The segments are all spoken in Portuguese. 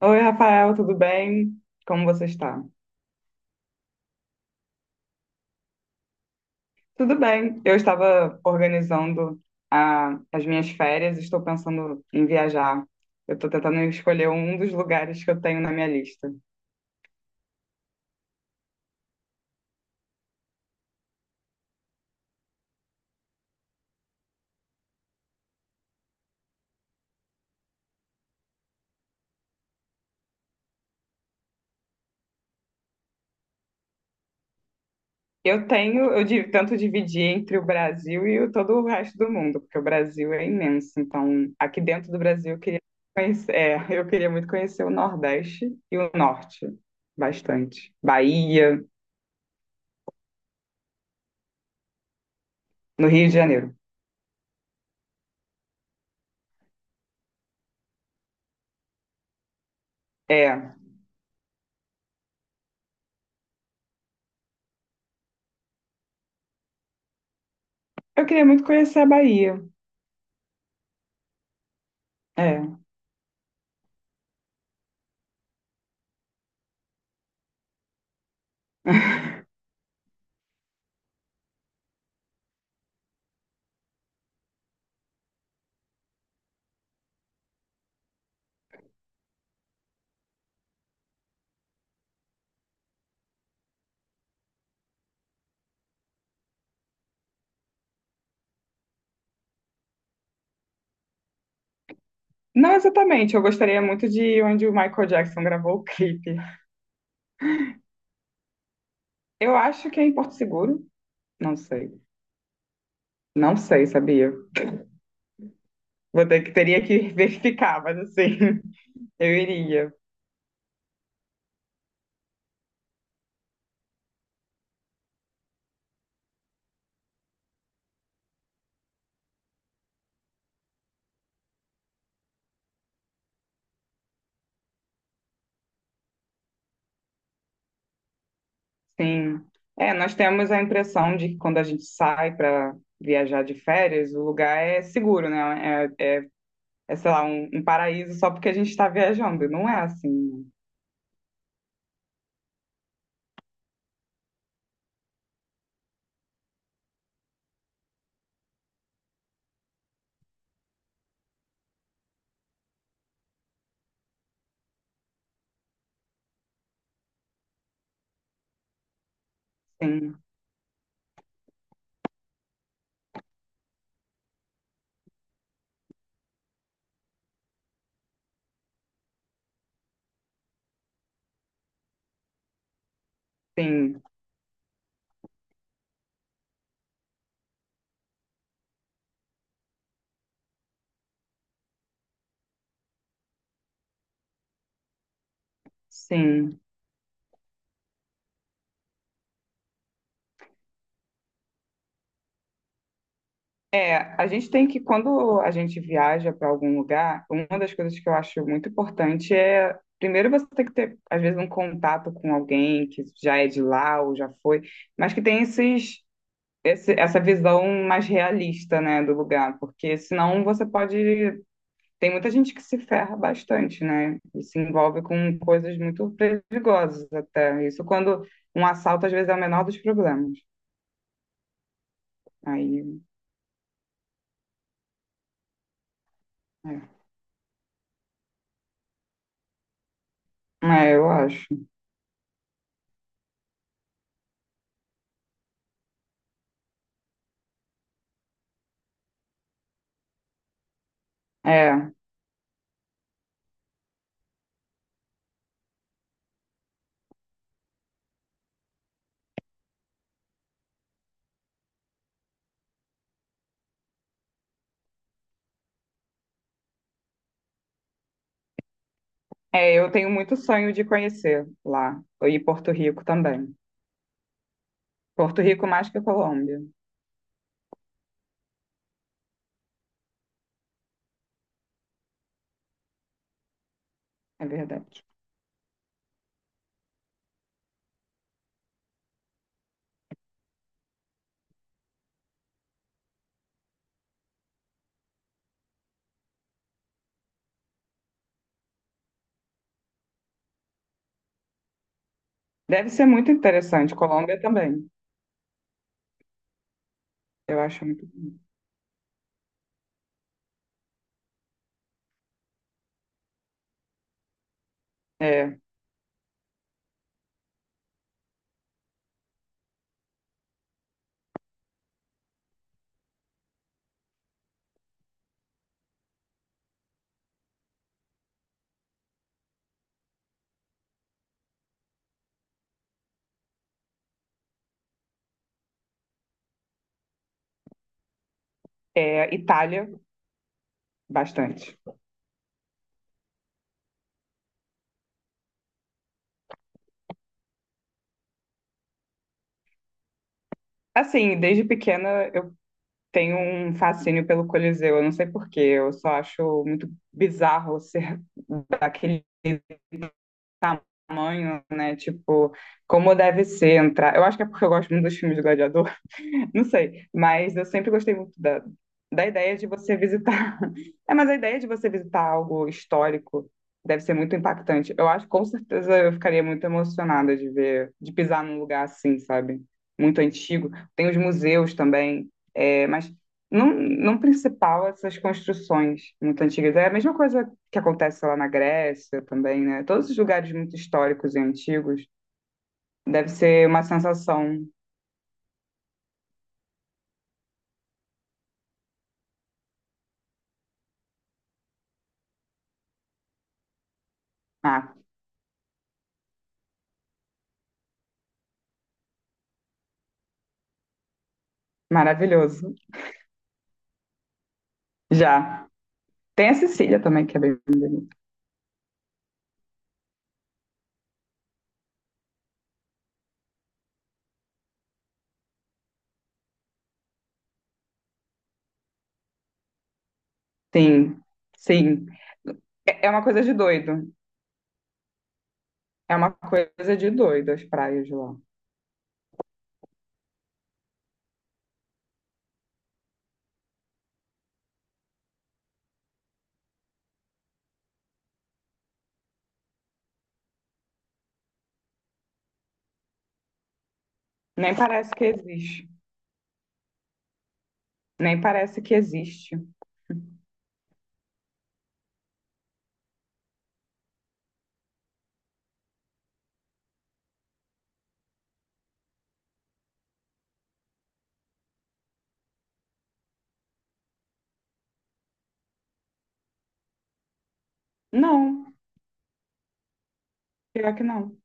Oi, Rafael, tudo bem? Como você está? Tudo bem. Eu estava organizando as minhas férias, estou pensando em viajar. Eu estou tentando escolher um dos lugares que eu tenho na minha lista. Eu tenho, eu di- tento dividir entre o Brasil e todo o resto do mundo, porque o Brasil é imenso. Então, aqui dentro do Brasil, eu queria conhecer, eu queria muito conhecer o Nordeste e o Norte, bastante. Bahia, no Rio de Janeiro. É, eu queria muito conhecer a Bahia. É. Não exatamente, eu gostaria muito de ir onde o Michael Jackson gravou o clipe. Eu acho que é em Porto Seguro, não sei. Não sei, sabia? Vou ter que teria que verificar, mas assim, eu iria. Sim. É, nós temos a impressão de que quando a gente sai para viajar de férias, o lugar é seguro, né? Sei lá, um paraíso só porque a gente está viajando. Não é assim, né? Sim, sim, sim. É, a gente tem que, quando a gente viaja para algum lugar, uma das coisas que eu acho muito importante é, primeiro você tem que ter, às vezes, um contato com alguém que já é de lá ou já foi, mas que tem essa visão mais realista, né, do lugar, porque senão você pode. Tem muita gente que se ferra bastante, né, e se envolve com coisas muito perigosas até. Isso quando um assalto, às vezes, é o menor dos problemas. Aí, é, eu acho. É. É, eu tenho muito sonho de conhecer lá. E Porto Rico também. Porto Rico mais que a Colômbia, é verdade. Deve ser muito interessante. Colômbia também. Eu acho muito bonito. É, Itália, bastante. Assim, desde pequena eu tenho um fascínio pelo Coliseu. Eu não sei por quê. Eu só acho muito bizarro ser daquele tamanho, né? Tipo, como deve ser entrar. Eu acho que é porque eu gosto muito dos filmes do Gladiador. Não sei, mas eu sempre gostei muito da ideia de você visitar. É, mas a ideia de você visitar algo histórico deve ser muito impactante. Eu acho que com certeza eu ficaria muito emocionada de ver, de pisar num lugar assim, sabe? Muito antigo. Tem os museus também, mas não, não principal essas construções muito antigas. É a mesma coisa que acontece lá na Grécia também, né? Todos os lugares muito históricos e antigos deve ser uma sensação, ah, maravilhoso. Já. Tem a Cecília também, que é bem bonita. Sim, sim. É uma coisa de doido. É uma coisa de doido as praias de lá. Nem parece que existe. Nem parece que existe. Não, pior que não.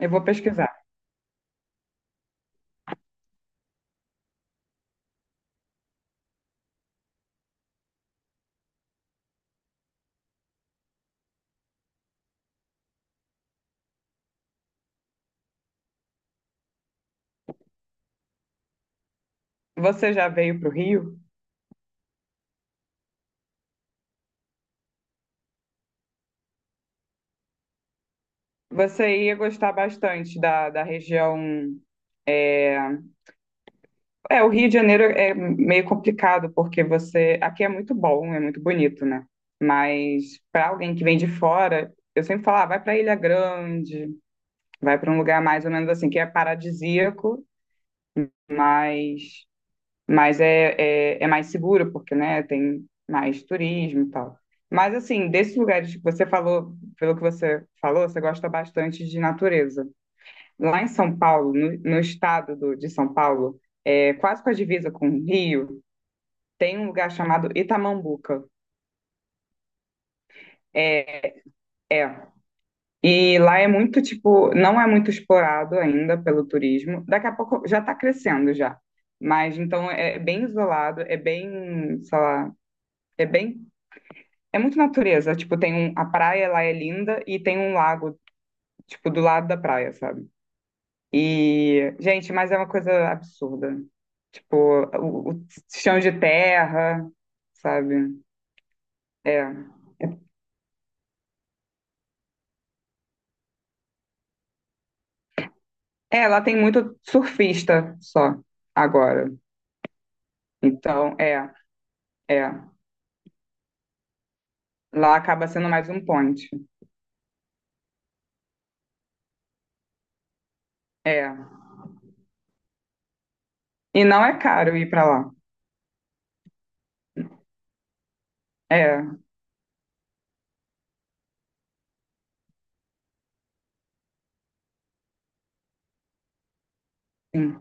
Eu vou pesquisar. Você já veio para o Rio? Você ia gostar bastante da região. É, o Rio de Janeiro é meio complicado, porque você. Aqui é muito bom, é muito bonito, né? Mas para alguém que vem de fora, eu sempre falo, ah, vai para Ilha Grande. Vai para um lugar mais ou menos assim, que é paradisíaco, mas, mas é, mais seguro, porque, né, tem mais turismo e tal. Mas, assim, desses lugares que você falou, pelo que você falou, você gosta bastante de natureza. Lá em São Paulo, no estado de São Paulo, quase com a divisa com o Rio, tem um lugar chamado Itamambuca. É, é. E lá é muito, tipo, não é muito explorado ainda pelo turismo. Daqui a pouco já está crescendo já. Mas então é bem isolado, é bem, sei lá, é bem, é muito natureza. Tipo, tem um, a praia lá é linda e tem um lago, tipo, do lado da praia, sabe? E, gente, mas é uma coisa absurda. Tipo, o chão de terra, sabe? É. É, lá tem muito surfista só agora. Então, é. Lá acaba sendo mais um point. É. E não é caro ir pra lá. É, sim.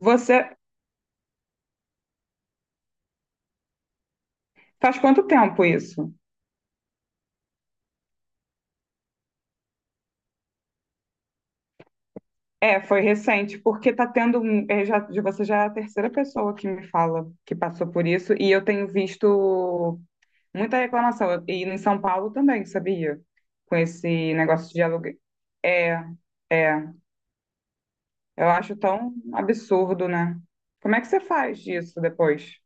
Você faz quanto tempo isso? É, foi recente, porque tá tendo um, já, de você já é a terceira pessoa que me fala que passou por isso e eu tenho visto muita reclamação e em São Paulo também, sabia? Com esse negócio de aluguel. É, é, eu acho tão absurdo, né? Como é que você faz disso depois?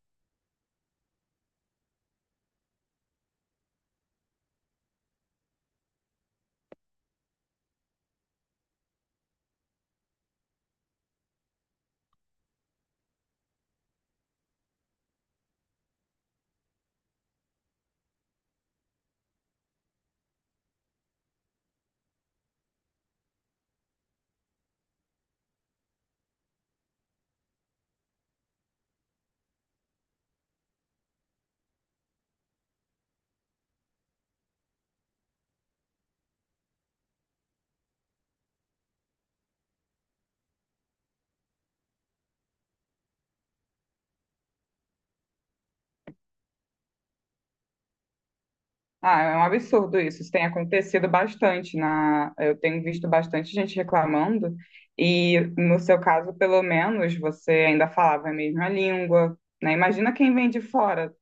Ah, é um absurdo isso. Isso tem acontecido bastante na, eu tenho visto bastante gente reclamando e no seu caso, pelo menos, você ainda falava a mesma língua, né? Imagina quem vem de fora.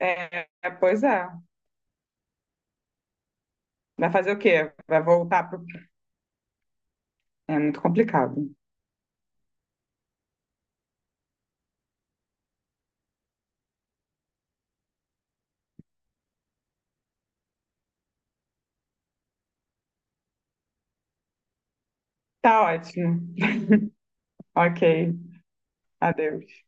É, é, pois é. Vai fazer o quê? Vai voltar pro... É muito complicado. Tá ótimo. Ok. Adeus.